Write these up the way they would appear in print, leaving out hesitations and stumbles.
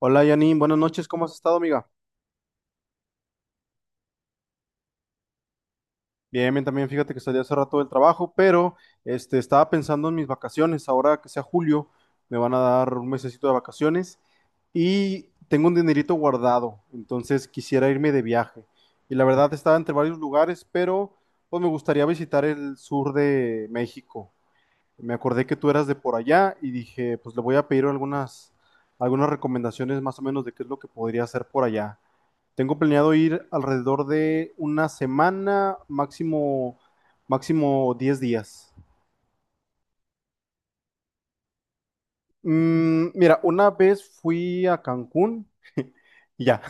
Hola Janine, buenas noches, ¿cómo has estado, amiga? Bien, bien, también fíjate que salí hace rato del trabajo, pero estaba pensando en mis vacaciones. Ahora que sea julio, me van a dar un mesecito de vacaciones y tengo un dinerito guardado, entonces quisiera irme de viaje. Y la verdad estaba entre varios lugares, pero pues me gustaría visitar el sur de México. Me acordé que tú eras de por allá y dije, pues le voy a pedir algunas recomendaciones más o menos de qué es lo que podría hacer por allá. Tengo planeado ir alrededor de una semana, máximo 10 días. Mira, una vez fui a Cancún y ya.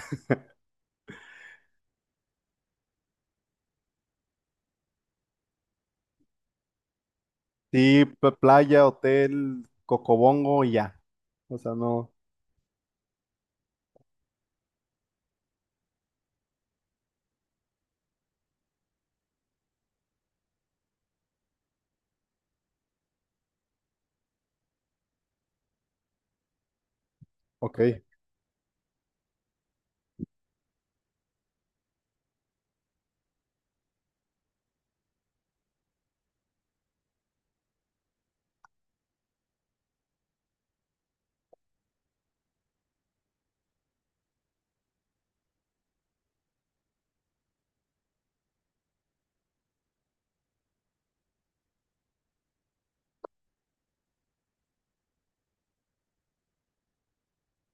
Sí, playa, hotel, cocobongo y ya. O sea, no. Ok,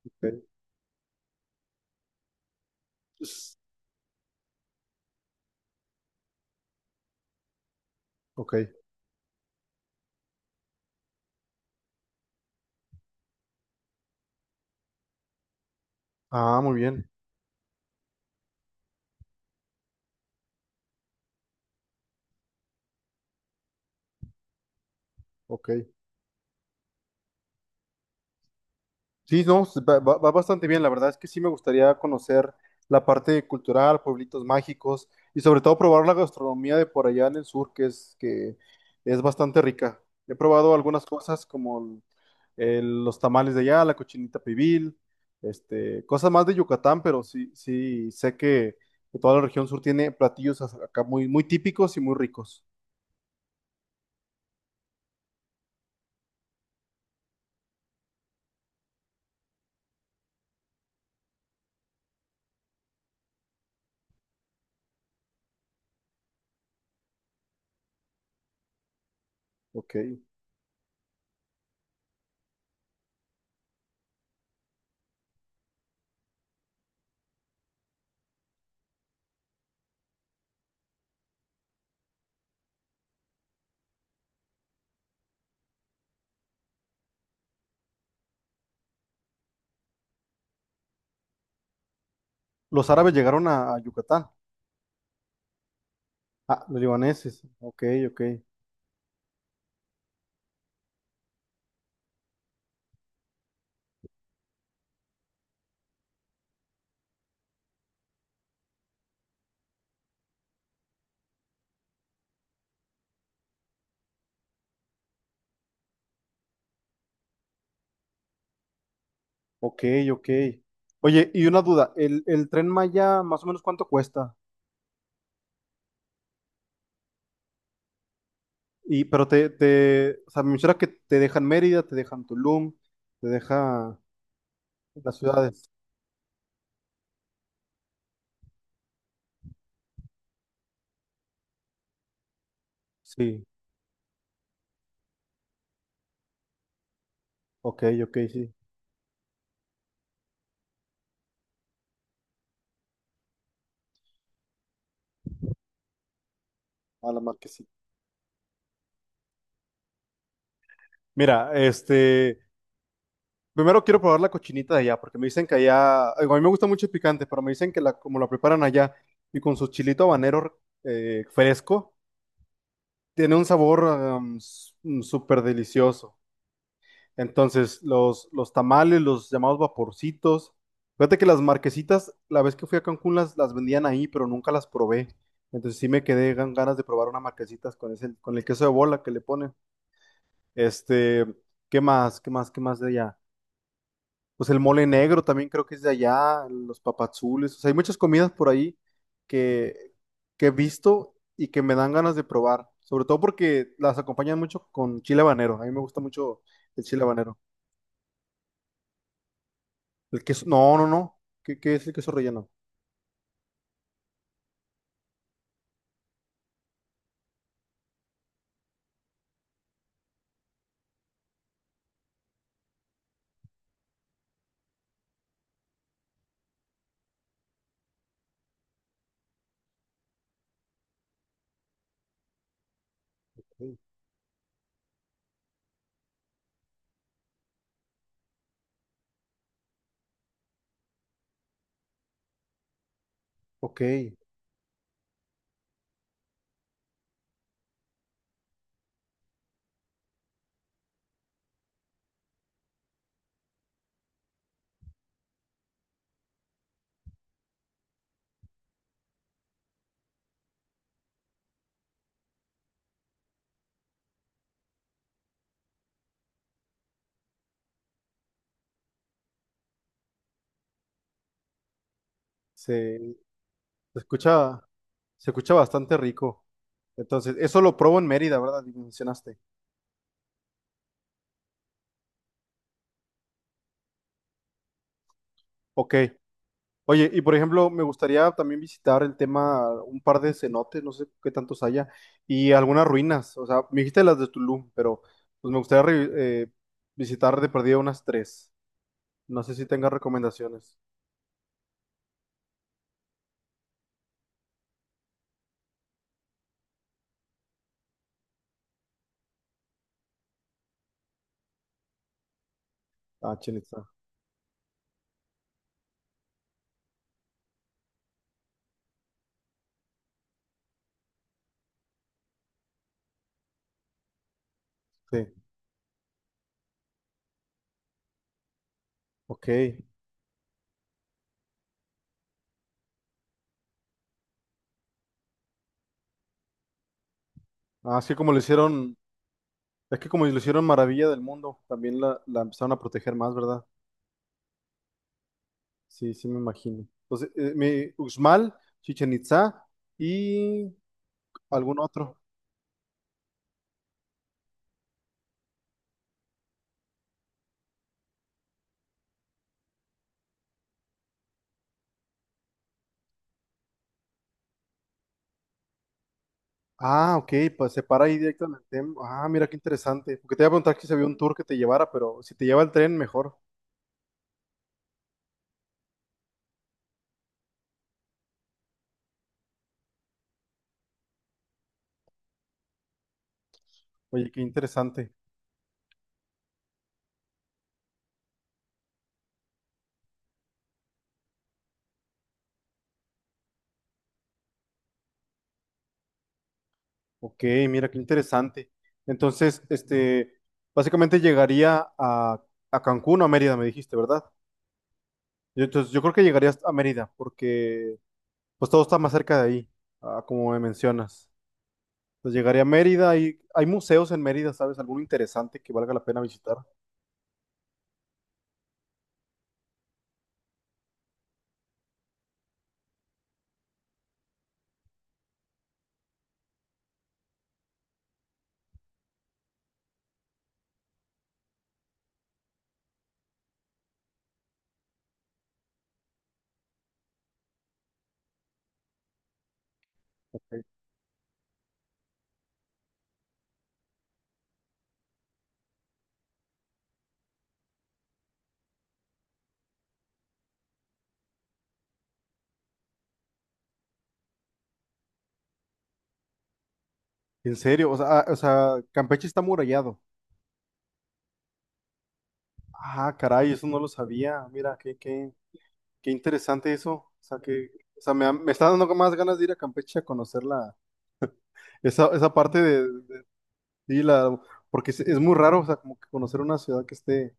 ok, ok. Ah, muy bien. Ok. Sí, no, s- va bastante bien. La verdad es que sí me gustaría conocer la parte cultural, pueblitos mágicos y sobre todo probar la gastronomía de por allá en el sur, que es bastante rica. He probado algunas cosas como los tamales de allá, la cochinita pibil, este, cosas más de Yucatán, pero sí, sí sé que toda la región sur tiene platillos acá muy, muy típicos y muy ricos. Ok. Los árabes llegaron a Yucatán. Ah, los libaneses. Ok, ok. Ok, ok. Oye, y una duda, el Tren Maya, ¿más o menos cuánto cuesta? Y, pero o sea, me menciona que te dejan Mérida, te dejan Tulum, te deja las ciudades. Sí, ok, ok, sí. A la mar que sí. Mira, este, primero quiero probar la cochinita de allá, porque me dicen que allá, digo, a mí me gusta mucho el picante, pero me dicen que como la preparan allá y con su chilito habanero fresco, tiene un sabor s- súper delicioso. Entonces, los tamales, los llamados vaporcitos. Fíjate que las marquesitas, la vez que fui a Cancún, las vendían ahí, pero nunca las probé. Entonces sí me quedé ganas de probar unas marquesitas con ese, con el queso de bola que le ponen. Este, ¿qué más? ¿Qué más? ¿Qué más de allá? Pues el mole negro también creo que es de allá, los papazules. O sea, hay muchas comidas por ahí que, que he visto y que me dan ganas de probar. Sobre todo porque las acompañan mucho con chile habanero. A mí me gusta mucho el chile habanero. El queso, no, no, no. ¿Qué es el queso relleno? Mm. Ok, se, se escucha, se escucha bastante rico. Entonces, eso lo probo en Mérida, ¿verdad? Y mencionaste. Ok. Oye, y por ejemplo, me gustaría también visitar el tema, un par de cenotes, no sé qué tantos haya, y algunas ruinas. O sea, me dijiste las de Tulum, pero pues me gustaría re- visitar de perdida unas tres. No sé si tengas recomendaciones. Ah, Chenitza. Sí. Ok. Ah, así como lo hicieron. Es que como lo hicieron Maravilla del Mundo, también la empezaron a proteger más, ¿verdad? Sí, sí me imagino. Entonces, Uxmal, Chichen Itza y algún otro. Ah, ok, pues se para ahí directamente. Ah, mira qué interesante. Porque te iba a preguntar si había un tour que te llevara, pero si te lleva el tren, mejor. Oye, qué interesante. Ok, mira qué interesante. Entonces, este, básicamente llegaría a Cancún o a Mérida, me dijiste, ¿verdad? Yo, entonces, yo creo que llegarías a Mérida, porque pues todo está más cerca de ahí, ah, como me mencionas. Pues llegaría a Mérida y hay museos en Mérida, ¿sabes? ¿Alguno interesante que valga la pena visitar? Eh, ¿en serio? O sea, ah, o sea, Campeche está amurallado. Ah, caray, eso no lo sabía. Mira, qué, qué, qué interesante eso. O sea, que, o sea, me está dando más ganas de ir a Campeche a conocer esa parte sí, la, porque es muy raro, o sea, como que conocer una ciudad que esté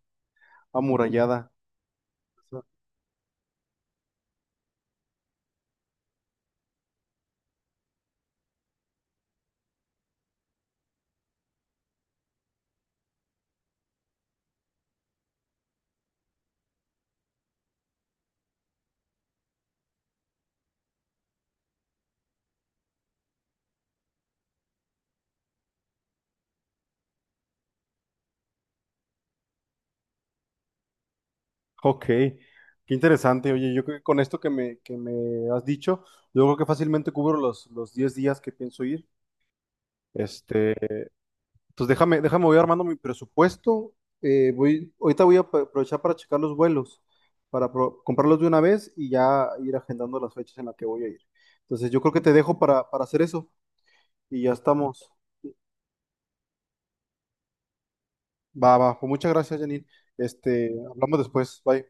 amurallada. Ok, qué interesante. Oye, yo creo que con esto que me has dicho, yo creo que fácilmente cubro los 10 días que pienso ir. Este, pues déjame, déjame, voy armando mi presupuesto. Ahorita voy a aprovechar para checar los vuelos, para comprarlos de una vez y ya ir agendando las fechas en las que voy a ir. Entonces, yo creo que te dejo para hacer eso y ya estamos. Va, va. Pues muchas gracias, Janine. Este, hablamos después. Bye.